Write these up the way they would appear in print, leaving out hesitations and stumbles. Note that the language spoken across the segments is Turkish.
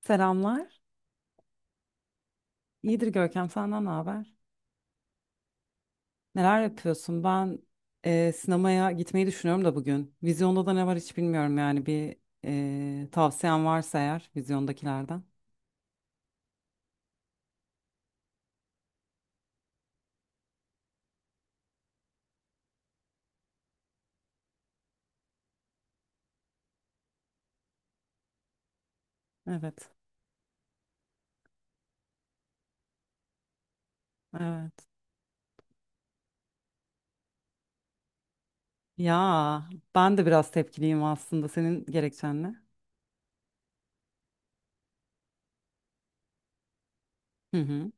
Selamlar. İyidir Görkem, senden ne haber? Neler yapıyorsun? Ben sinemaya gitmeyi düşünüyorum da bugün. Vizyonda da ne var hiç bilmiyorum yani bir tavsiyen varsa eğer vizyondakilerden. Evet, evet. Ya ben de biraz tepkiliyim aslında senin gerekçenle. Hı hı,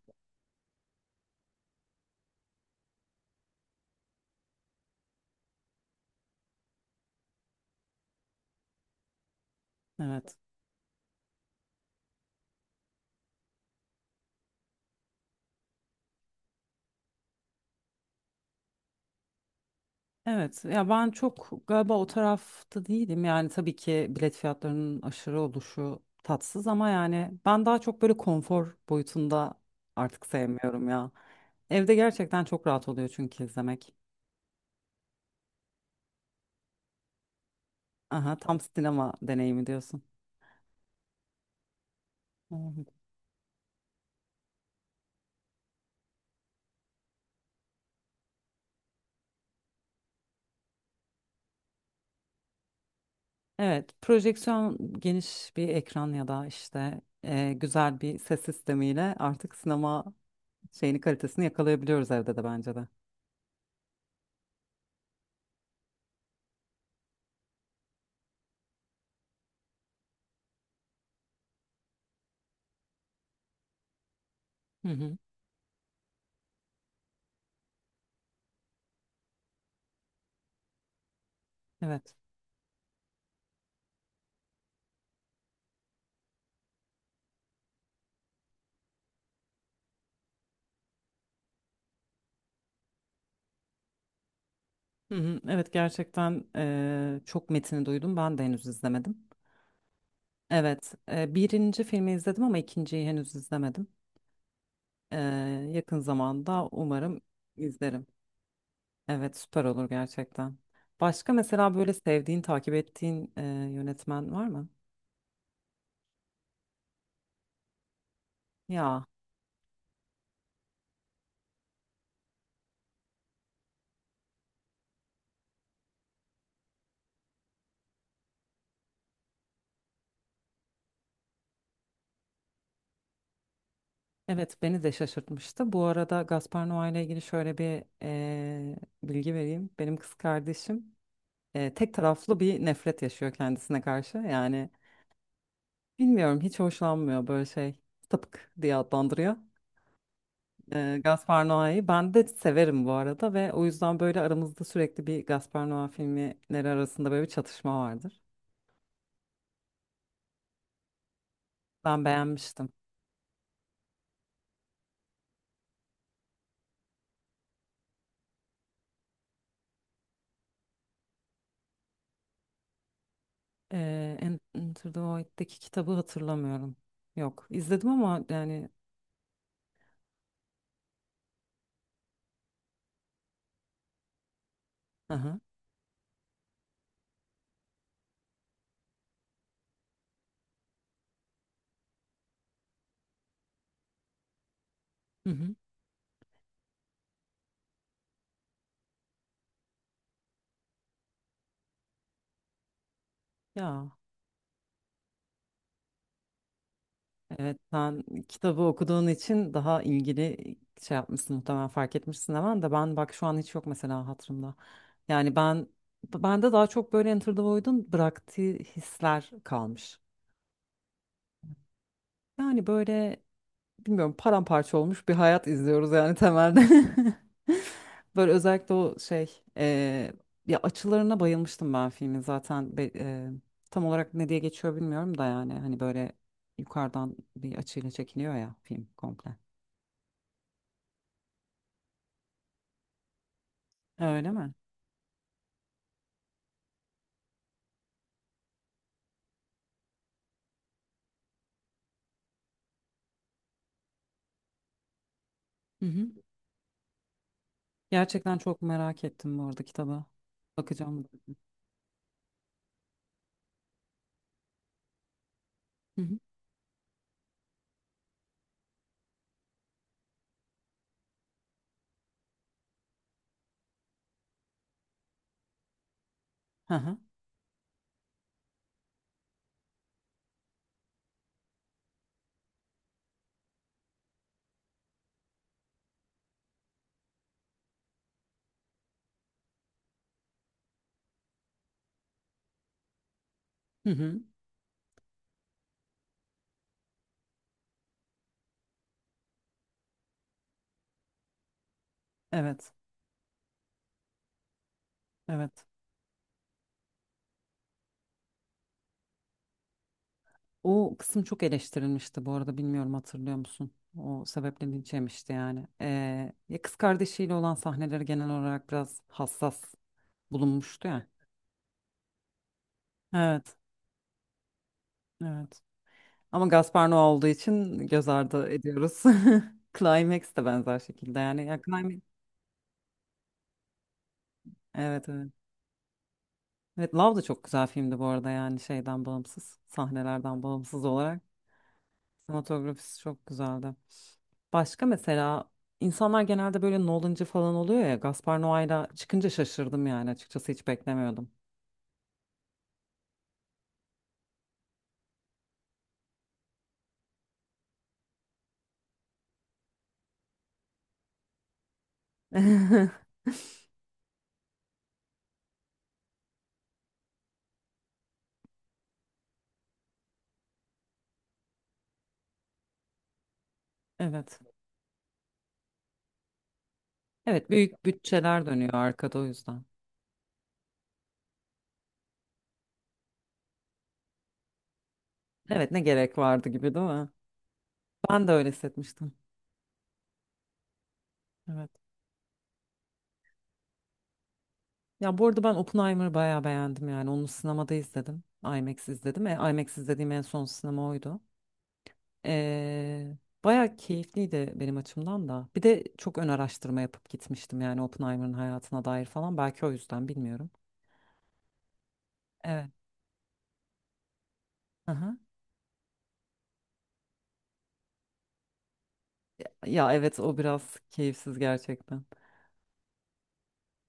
evet. Evet ya ben çok galiba o tarafta değilim yani tabii ki bilet fiyatlarının aşırı oluşu tatsız ama yani ben daha çok böyle konfor boyutunda artık sevmiyorum ya. Evde gerçekten çok rahat oluyor çünkü izlemek. Aha, tam sinema deneyimi diyorsun. Evet, evet, projeksiyon geniş bir ekran ya da işte güzel bir ses sistemiyle artık sinema şeyini kalitesini yakalayabiliyoruz evde de bence de. Hı hı. Evet. Hı hı, evet gerçekten çok metini duydum. Ben de henüz izlemedim. Evet, birinci filmi izledim ama ikinciyi henüz izlemedim. Eee, yakın zamanda umarım izlerim. Evet, süper olur gerçekten. Başka mesela böyle sevdiğin, takip ettiğin yönetmen var mı? Ya, evet beni de şaşırtmıştı. Bu arada Gaspar Noé ile ilgili şöyle bir bilgi vereyim. Benim kız kardeşim tek taraflı bir nefret yaşıyor kendisine karşı. Yani. Bilmiyorum, hiç hoşlanmıyor böyle şey. Sapık diye adlandırıyor. Gaspar Noé'yi. Ben de severim bu arada ve o yüzden böyle aramızda sürekli bir Gaspar Noé filmleri arasında böyle bir çatışma vardır. Ben beğenmiştim. Enter the Void'deki kitabı hatırlamıyorum. Yok, izledim ama yani. Aha. Hı hı. Ya. Evet, sen kitabı okuduğun için daha ilgili şey yapmışsın muhtemelen, fark etmişsin hemen de, ben bak şu an hiç yok mesela hatırımda. Yani bende daha çok böyle Enter the Void'un bıraktığı hisler kalmış. Yani böyle bilmiyorum, paramparça olmuş bir hayat izliyoruz yani temelde. Böyle özellikle o şey ya açılarına bayılmıştım ben filmin zaten tam olarak ne diye geçiyor bilmiyorum da yani hani böyle yukarıdan bir açıyla çekiliyor ya film komple. Ha, öyle mi? Hı hı. Gerçekten çok merak ettim bu arada kitaba. Bakacağım. Hı hı. Hı hı. Hı hı. Evet. Evet. O kısım çok eleştirilmişti bu arada, bilmiyorum hatırlıyor musun? O sebeple linç yemişti yani. Ya kız kardeşiyle olan sahneleri genel olarak biraz hassas bulunmuştu ya. Evet. Evet. Ama Gaspar Noé olduğu için göz ardı ediyoruz. Climax de benzer şekilde yani. Ya, climax... Evet, evet. Evet, Love da çok güzel filmdi bu arada yani şeyden bağımsız, sahnelerden bağımsız olarak. Sinematografisi çok güzeldi. Başka mesela insanlar genelde böyle Nolan'cı falan oluyor ya. Gaspar Noé'la çıkınca şaşırdım yani, açıkçası hiç beklemiyordum. Evet. Evet, büyük bütçeler dönüyor arkada o yüzden. Evet, ne gerek vardı gibi değil mi? Ben de öyle hissetmiştim. Evet. Ya bu arada ben Oppenheimer'ı bayağı beğendim yani, onu sinemada izledim. IMAX izledim. E, IMAX izlediğim en son sinema oydu. Ee, bayağı keyifliydi benim açımdan da. Bir de çok ön araştırma yapıp gitmiştim yani Oppenheimer'ın hayatına dair falan. Belki o yüzden, bilmiyorum. Evet. Aha. Ya evet, o biraz keyifsiz gerçekten.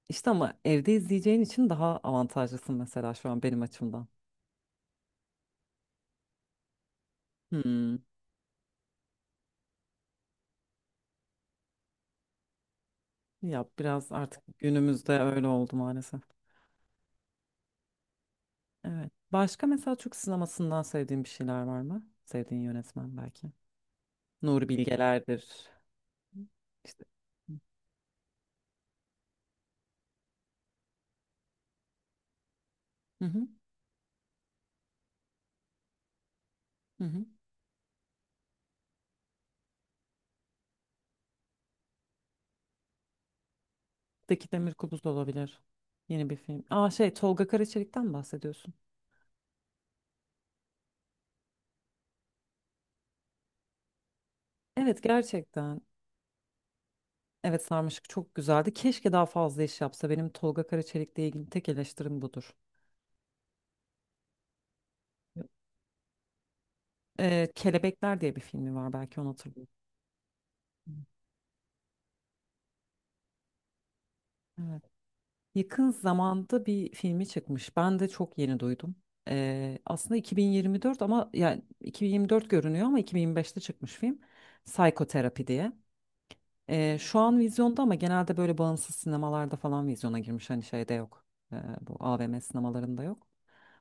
İşte ama evde izleyeceğin için daha avantajlısın mesela şu an benim açımdan. Hmm. Ya biraz artık günümüzde öyle oldu maalesef. Evet. Başka mesela Türk sinemasından sevdiğin bir şeyler var mı? Sevdiğin yönetmen belki. Nuri Bilgeler'dir. İşte. Hı hı. Hı hı. Daki Demir Kubuz da olabilir. Yeni bir film. Aa, şey, Tolga Karaçelik'ten mi bahsediyorsun? Evet, gerçekten. Evet, Sarmaşık çok güzeldi. Keşke daha fazla iş yapsa. Benim Tolga Karaçelik'le ilgili tek eleştirim budur. Kelebekler diye bir filmi var, belki onu hatırlıyorum. Evet. Yakın zamanda bir filmi çıkmış. Ben de çok yeni duydum. Aslında 2024, ama yani 2024 görünüyor ama 2025'te çıkmış film. Psikoterapi diye. Şu an vizyonda ama genelde böyle bağımsız sinemalarda falan vizyona girmiş. Hani şeyde yok. Bu AVM sinemalarında yok.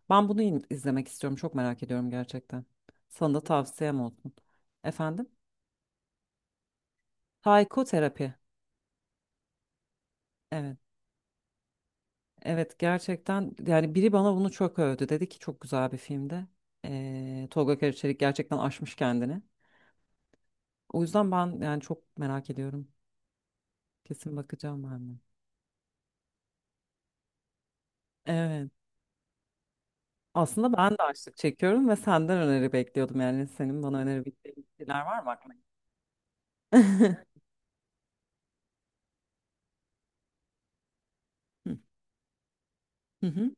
İzlemek istiyorum. Çok merak ediyorum gerçekten. Sana da tavsiyem olsun. Efendim? Psikoterapi. Evet. Evet gerçekten yani biri bana bunu çok övdü. Dedi ki çok güzel bir filmdi. Tolga Karaçelik gerçekten aşmış kendini. O yüzden ben yani çok merak ediyorum. Kesin bakacağım ben de. Evet. Aslında ben de açlık çekiyorum ve senden öneri bekliyordum. Yani senin bana öneri bekleyen şeyler var mı aklına? Hı hı. hı.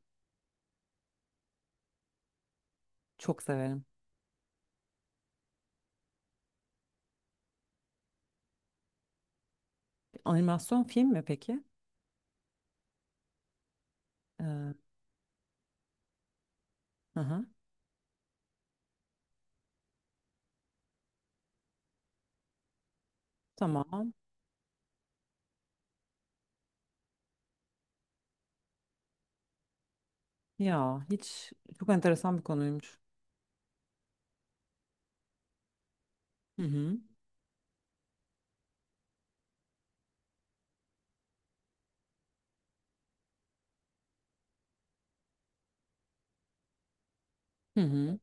Çok severim. Animasyon film mi peki? Ee, hı hı. Tamam. Ya hiç, çok enteresan bir konuymuş. Hı hı. Hı hı.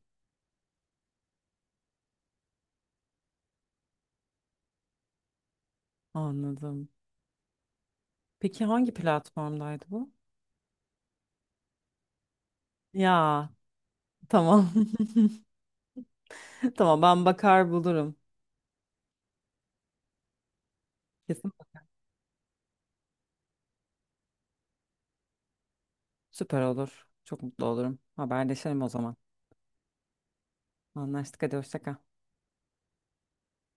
Anladım. Peki hangi platformdaydı bu? Ya tamam. Tamam, ben bakar bulurum. Kesin. Süper olur. Çok mutlu olurum. Haberleşelim o zaman. Anlaştık, hadi hoşça kal.